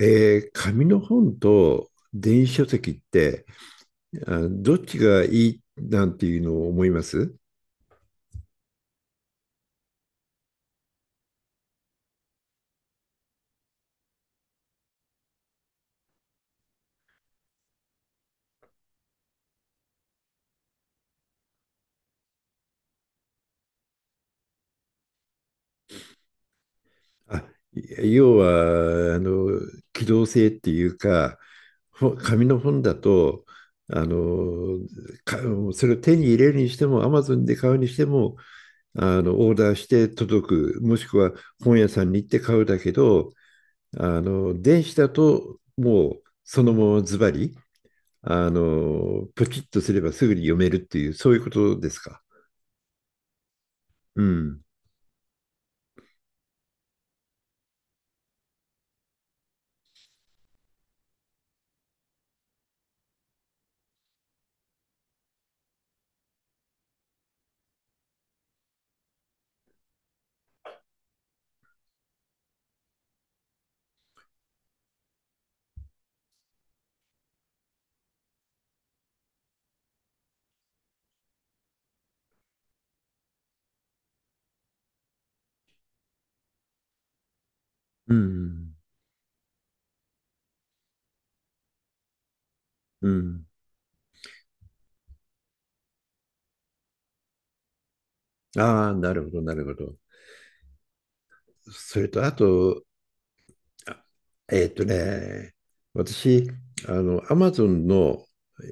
紙の本と電子書籍ってどっちがいいなんていうのを思います？あ、要は、機動性っていうか、紙の本だと、あの、か、それを手に入れるにしても、Amazon で買うにしても、オーダーして届く、もしくは本屋さんに行って買うだけど、電子だと、もう、そのままズバリ、ポチッとすればすぐに読めるっていう、そういうことですか？うん。うん。うん。ああ、なるほど、なるほど。それと、あと、えーっとね、私、アマゾンの、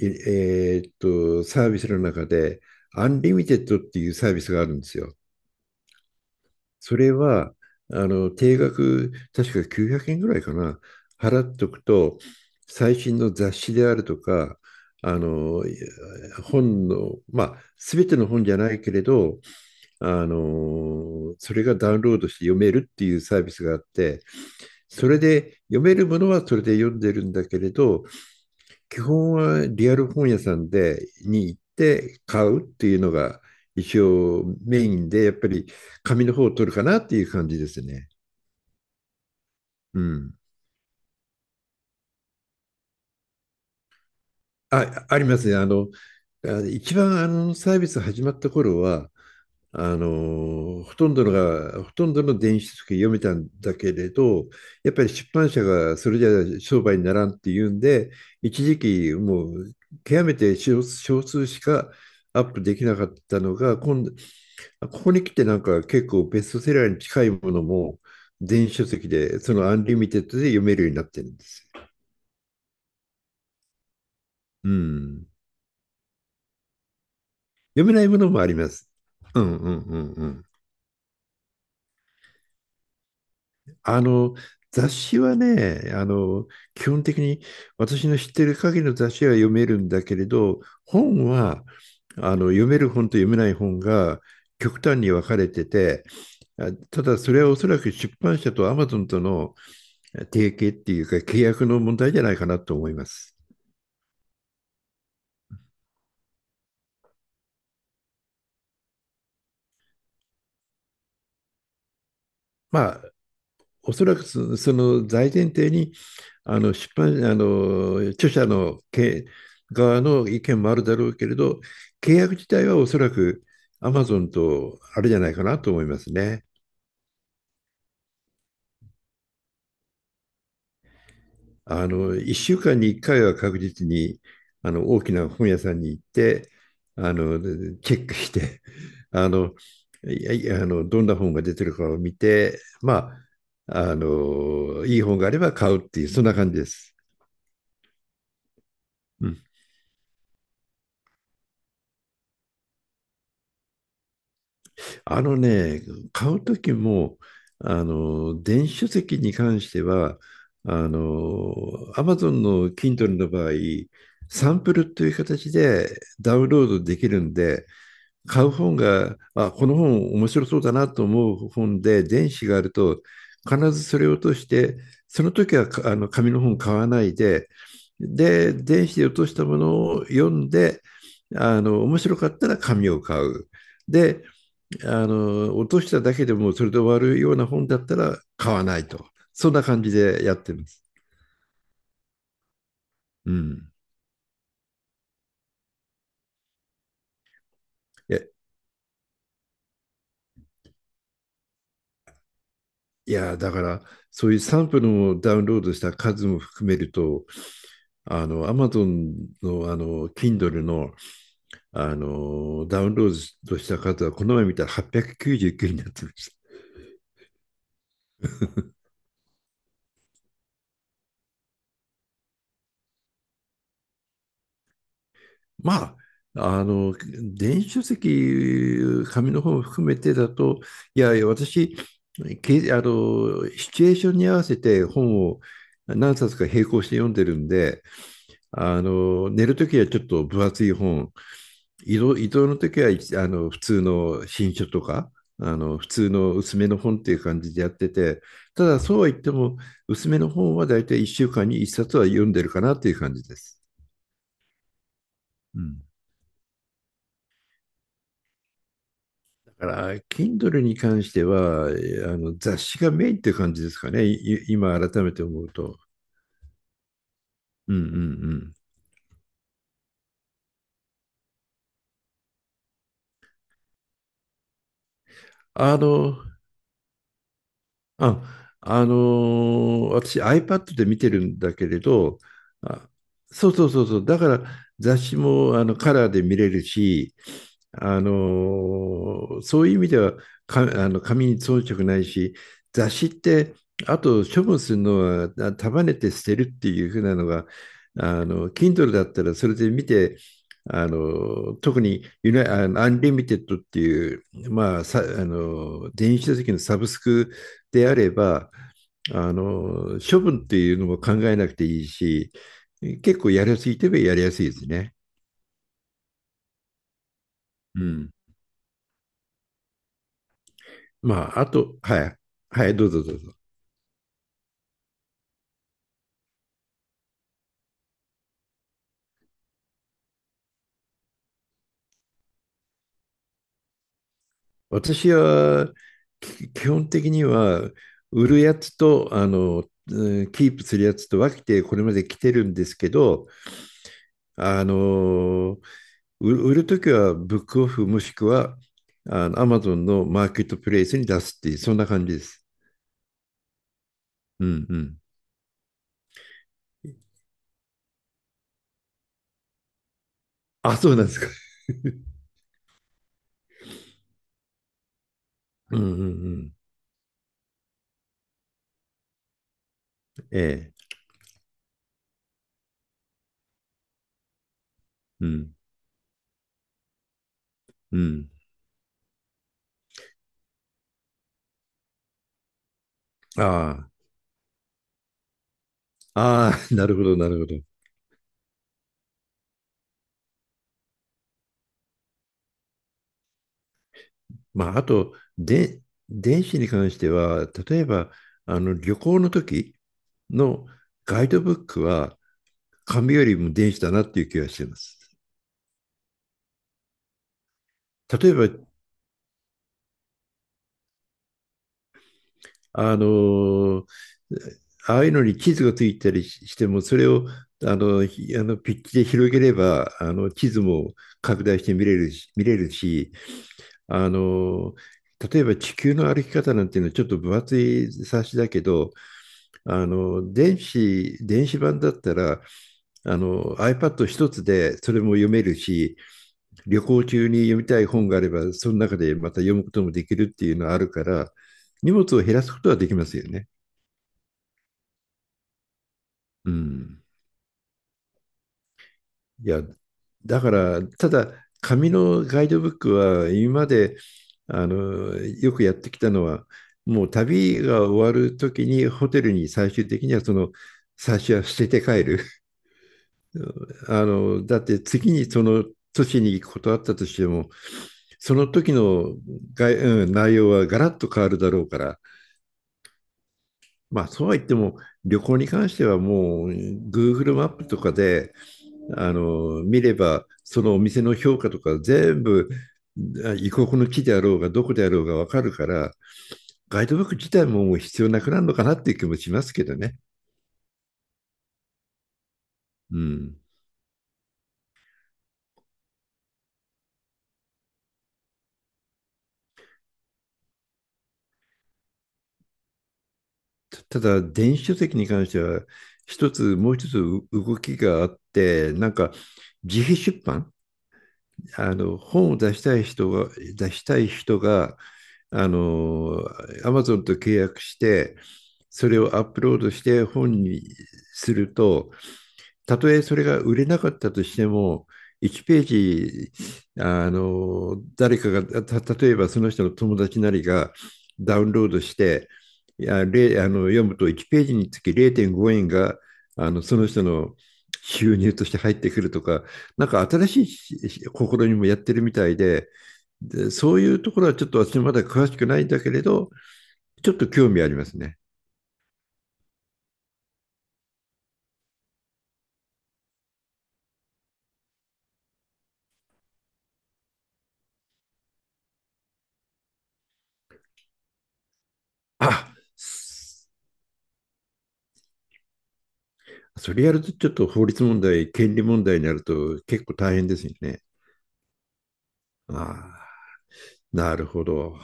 いえーっと、サービスの中で、アンリミテッドっていうサービスがあるんですよ。それは、定額、確か900円ぐらいかな、払っとくと、最新の雑誌であるとか、あの、い本の、まあ、すべての本じゃないけれど、それがダウンロードして読めるっていうサービスがあって、それで読めるものはそれで読んでるんだけれど、基本はリアル本屋さんでに行って買うっていうのが一応メインで、やっぱり紙の方を取るかなっていう感じですね。うん。あ、ありますね。一番サービス始まった頃は、ほとんどの電子書籍読めたんだけれど、やっぱり出版社がそれじゃ商売にならんっていうんで、一時期もう極めて少数しかアップできなかったのが、今度、ここに来てなんか結構ベストセラーに近いものも電子書籍で、そのアンリミテッドで読めるようになってるんですよ。うん。読めないものもあります。うんうんうんうん。あの、雑誌はね、基本的に私の知ってる限りの雑誌は読めるんだけれど、本は、読める本と読めない本が極端に分かれてて、ただそれはおそらく出版社とアマゾンとの提携っていうか契約の問題じゃないかなと思います。まあ、おそらくその大前提にあの出版、あの著者の側の意見もあるだろうけれど、契約自体はおそらくアマゾンとあれじゃないかなと思いますね。1週間に1回は確実に大きな本屋さんに行ってあのチェックしてあのいやいやどんな本が出てるかを見て、まあ、いい本があれば買うっていうそんな感じです。うんあのね、買う時も、電子書籍に関しては、あの、Amazon の Kindle の場合、サンプルという形でダウンロードできるんで、買う本が、この本面白そうだなと思う本で、電子があると、必ずそれを落として、その時はかあの紙の本買わないで、で、電子で落としたものを読んで、面白かったら紙を買う。で、落としただけでもそれで終わるような本だったら買わないと。そんな感じでやってます。うん。いや、いやだから、そういうサンプルをダウンロードした数も含めると、Amazon の、Kindle の、ダウンロードした数は、この前見たら899になってました。まあ、電子書籍、紙の本を含めてだと、いやいや、私、け、あの、シチュエーションに合わせて本を何冊か並行して読んでるんで、寝るときはちょっと分厚い本、移動のときは、普通の新書とか、普通の薄めの本っていう感じでやってて、ただそうは言っても、薄めの本は大体1週間に1冊は読んでるかなっていう感じです。うん。だから、Kindle に関しては、えあの雑誌がメインって感じですかね、今改めて思うと。うんうんうん。あの、私 iPad で見てるんだけれど、あ、そうそうそうそう、だから雑誌もカラーで見れるし、あのそういう意味ではか、あの紙に遜色ないし、雑誌って、あと処分するのは束ねて捨てるっていうふうなのが、Kindle だったらそれで見て、あの特にユナ、あのアンリミテッドっていう、まあ、さあの電子書籍のサブスクであれば、処分っていうのも考えなくていいし、結構やりやすいといえばやりやすいですね。うん。まあ、あと、はい、はい、どうぞどうぞ。私は、基本的には、売るやつと、キープするやつと分けてこれまで来てるんですけど、あの、売るときはブックオフもしくは、アマゾンのマーケットプレイスに出すっていう、そんな感じです。うん。うん。あ、そうなんですか？うんうんうん。ええ。うん。うん。ああ。ああ、なるほど、なるほど。まあ、あと、で、電子に関しては、例えば、旅行の時のガイドブックは、紙よりも電子だなっていう気がしてます。例えば、あの、ああいうのに地図がついたりしても、それをあのひあのピッチで広げれば、地図も拡大して見れるし、あの、例えば地球の歩き方なんていうのはちょっと分厚い冊子だけど、電子版だったら、iPad 一つでそれも読めるし、旅行中に読みたい本があれば、その中でまた読むこともできるっていうのはあるから、荷物を減らすことはできますよね。うん。いや、だから、ただ、紙のガイドブックは、今まで、よくやってきたのは、もう旅が終わるときに、ホテルに最終的には、その、最初は捨てて帰る。だって次にその都市に行くことあったとしても、その時のが、うん、内容はガラッと変わるだろうから、まあそうは言っても旅行に関してはもう Google マップとかで見ればそのお店の評価とか全部異国の木であろうがどこであろうが分かるからガイドブック自体ももう必要なくなるのかなっていう気もしますけどね。うん、ただ電子書籍に関してはもう一つ動きがあってなんか自費出版本を出したい人が出したい人があの Amazon と契約してそれをアップロードして本にするとたとえそれが売れなかったとしても、1ページ、誰かが、例えばその人の友達なりがダウンロードして、いや、れ、あの、読むと1ページにつき0.5円が、その人の収入として入ってくるとか、なんか新しい試みもやってるみたいで、で、そういうところはちょっと私まだ詳しくないんだけれど、ちょっと興味ありますね。あそれやるとちょっと法律問題、権利問題になると結構大変ですよね。ああ、なるほど。